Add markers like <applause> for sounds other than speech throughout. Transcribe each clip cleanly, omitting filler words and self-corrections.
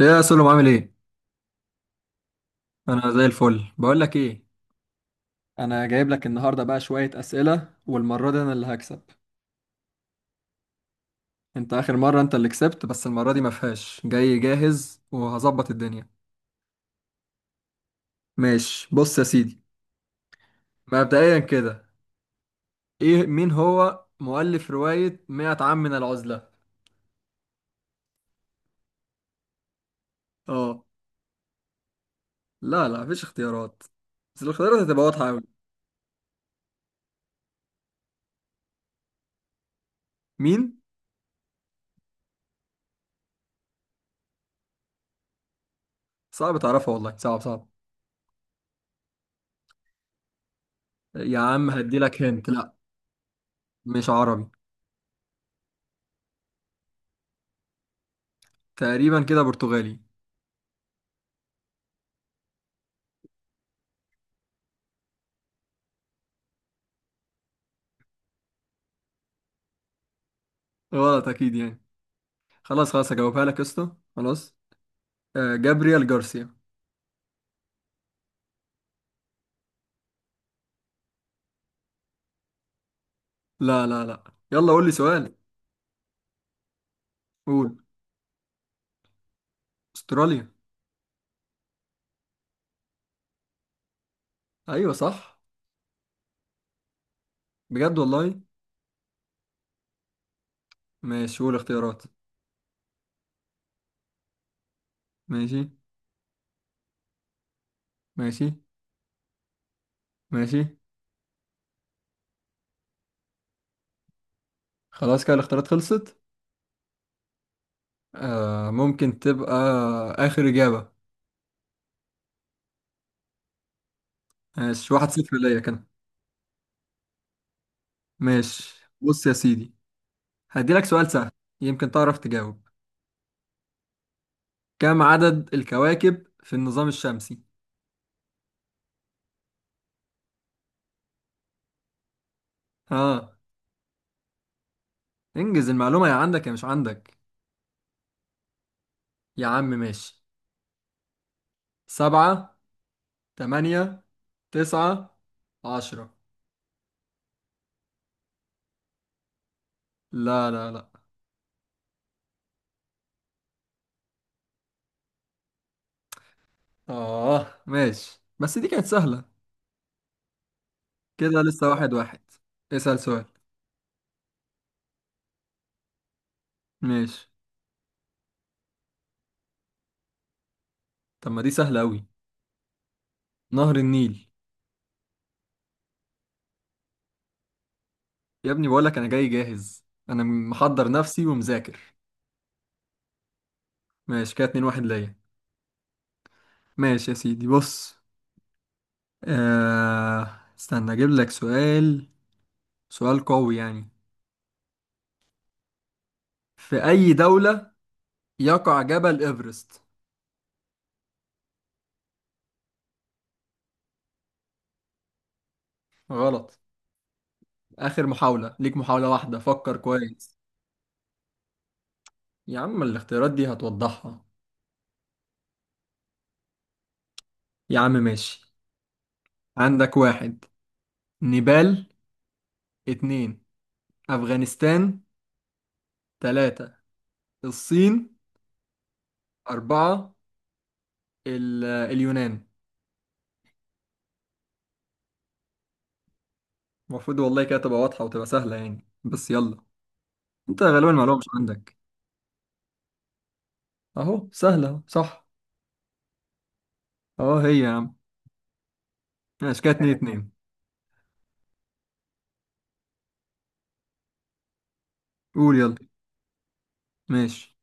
ايه يا سلم، عامل ايه؟ انا زي الفل. بقول لك ايه، انا جايب لك النهارده بقى شويه اسئله والمره دي انا اللي هكسب. انت اخر مره انت اللي كسبت، بس المره دي ما فيهاش، جاي جاهز وهظبط الدنيا. ماشي، بص يا سيدي، مبدئيا كده، ايه مين هو مؤلف روايه 100 عام من العزله؟ اه. لا لا، مفيش اختيارات، بس الاختيارات هتبقى واضحه قوي. مين؟ صعب تعرفها والله، صعب صعب. يا عم هدي لك، هنت. لا مش عربي. تقريبا كده برتغالي. غلط اكيد يعني. خلاص خلاص، هجاوبها لك يا اسطى. خلاص. جابريال جارسيا. لا لا لا، يلا قول لي سؤال. قول. استراليا. ايوه صح، بجد والله. ماشي قول اختيارات. ماشي. ماشي. ماشي. خلاص كده الاختيارات خلصت. ممكن تبقى اخر اجابة. ماشي، واحد صفر ليا كان. ماشي بص يا سيدي، هديلك سؤال سهل، يمكن تعرف تجاوب. كم عدد الكواكب في النظام الشمسي؟ ها؟ انجز المعلومة، يا عندك يا مش عندك. يا عم ماشي. سبعة. تمانية. تسعة. عشرة. لا لا لا. ماشي بس دي كانت سهلة. كده لسه واحد واحد. اسأل سؤال. ماشي. طب ما دي سهلة أوي. نهر النيل. يا ابني بقولك أنا جاي جاهز، أنا محضر نفسي ومذاكر. ماشي كده اتنين واحد ليا. ماشي يا سيدي بص. استنى أجيب لك سؤال. سؤال قوي يعني. في أي دولة يقع جبل إيفرست؟ غلط. آخر محاولة ليك، محاولة واحدة، فكر كويس. يا عم الاختيارات دي هتوضحها. يا عم ماشي. عندك واحد، نيبال. اتنين، أفغانستان. تلاتة، الصين. أربعة، اليونان. المفروض والله كده تبقى واضحة وتبقى سهلة يعني، بس يلا. انت غالبا المعلومة مش عندك. اهو سهلة أهو، صح. اهو هي يا عم. ماشي كده اتنين اتنين. قول يلا. ماشي.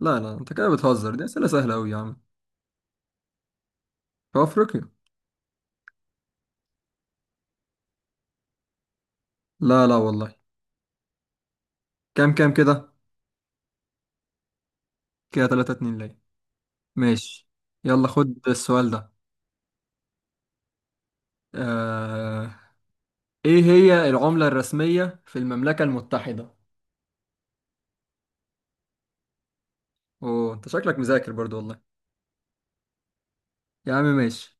لا لا، انت كده بتهزر، دي أسئلة سهلة أوي يا عم. في أفريقيا. لا لا والله. كام كام كده؟ كده 3 2 ليا. ماشي يلا، خد السؤال ده. آه... ايه هي العملة الرسمية في المملكة المتحدة؟ اوه انت شكلك مذاكر برضو والله. يا عم ماشي.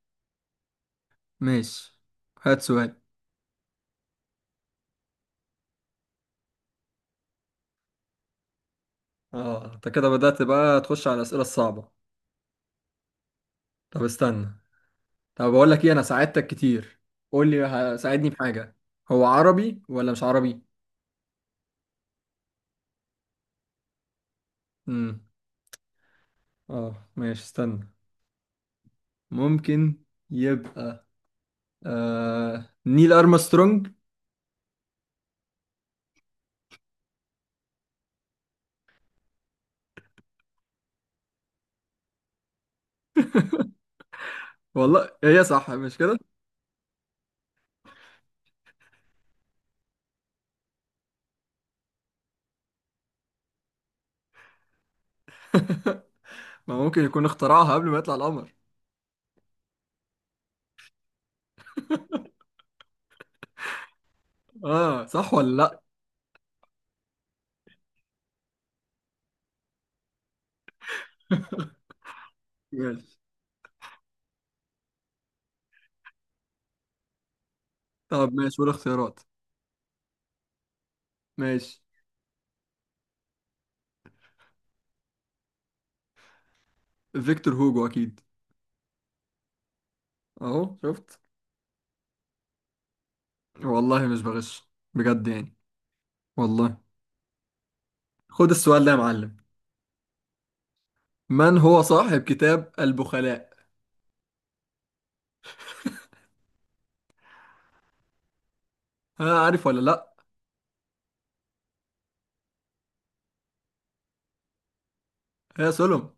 ماشي، هات سؤال. اه انت كده بدأت بقى تخش على الأسئلة الصعبة. طب استنى، طب بقول لك ايه، انا ساعدتك كتير، قول لي ساعدني بحاجة. هو عربي ولا مش عربي؟ امم. اه ماشي استنى. ممكن يبقى نيل أرمسترونج. والله هي صح مش كده؟ <laughs> ما ممكن يكون اخترعها قبل ما يطلع القمر. اه صح ولا لا؟ ماشي. طب ماشي، ولا اختيارات؟ ماشي. فيكتور هوجو اكيد. اهو شفت. والله مش بغش بجد يعني. والله. خد السؤال ده يا معلم. من هو صاحب كتاب البخلاء؟ ها عارف ولا لا؟ يا سلم.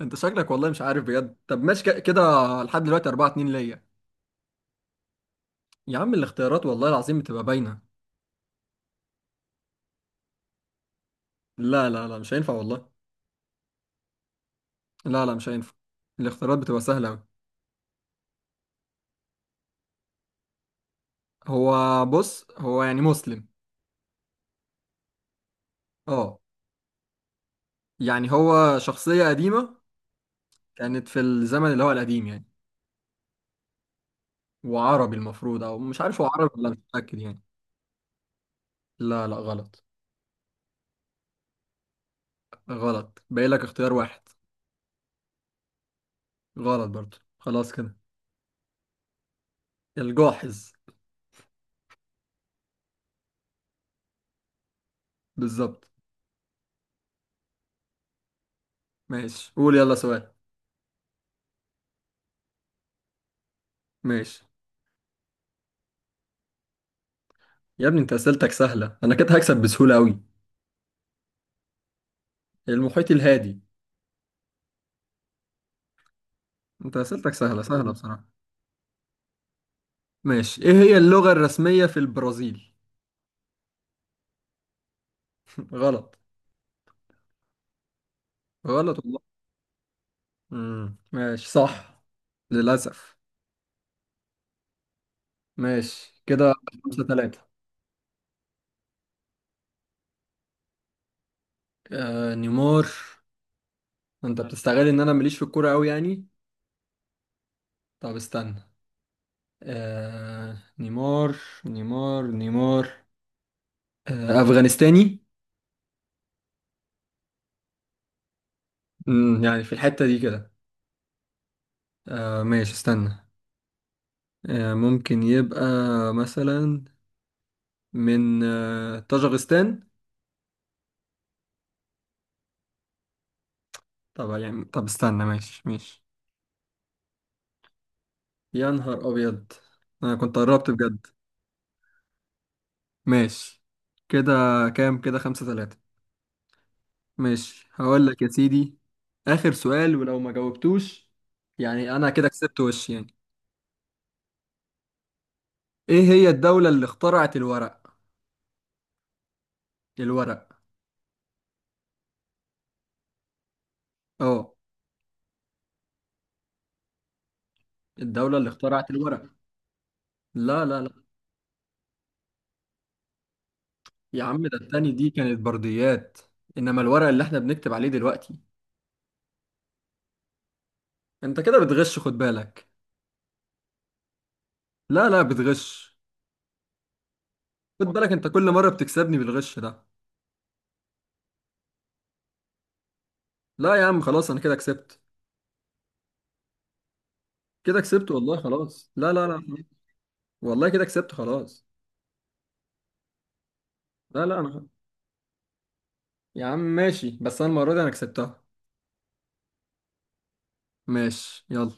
انت شكلك والله مش عارف بجد. طب ماشي كده، لحد دلوقتي 4 2 ليا. يا عم الاختيارات والله العظيم بتبقى باينة. لا لا لا مش هينفع والله. لا لا مش هينفع. الاختيارات بتبقى سهلة أوي. هو بص، هو يعني مسلم. اه. يعني هو شخصية قديمة، كانت في الزمن اللي هو القديم يعني. وعربي المفروض، او مش عارف هو عربي ولا، مش متأكد يعني. لا لا غلط. غلط، باقي لك اختيار واحد. غلط برضو، خلاص كده. الجاحظ. بالظبط. ماشي قول يلا سؤال. ماشي. يا ابني انت اسئلتك سهلة، انا كده هكسب بسهولة قوي. المحيط الهادي. انت اسئلتك سهلة سهلة بصراحة. ماشي. ايه هي اللغة الرسمية في البرازيل؟ <laughs> غلط. غلط. ماشي، صح، للأسف. ماشي كده خمسة تلاتة. نيمار. انت بتستغل ان انا ماليش في الكورة قوي يعني. طب استنى. نيمار. نيمار. أفغانستاني. يعني في الحتة دي كده. ماشي استنى. ممكن يبقى مثلا من طاجغستان. طب يعني، طب استنى، ماشي ماشي. يا نهار أبيض، أنا كنت قربت بجد. ماشي كده. كام كده؟ خمسة ثلاثة. ماشي هقول لك يا سيدي، آخر سؤال، ولو ما جاوبتوش يعني أنا كده كسبت وش يعني. إيه هي الدولة اللي اخترعت الورق؟ الورق. أه. الدولة اللي اخترعت الورق. لا لا لا، يا عم ده التاني دي كانت برديات. إنما الورق اللي إحنا بنكتب عليه دلوقتي. أنت كده بتغش، خد بالك. لا لا بتغش. خد بالك أنت، كل مرة بتكسبني بالغش ده. لا يا عم خلاص أنا كده كسبت. كده كسبت والله، خلاص، لا لا لا. والله كده كسبت خلاص. لا لا انا، يا عم ماشي بس انا المره دي انا كسبتها. ماشي يلا.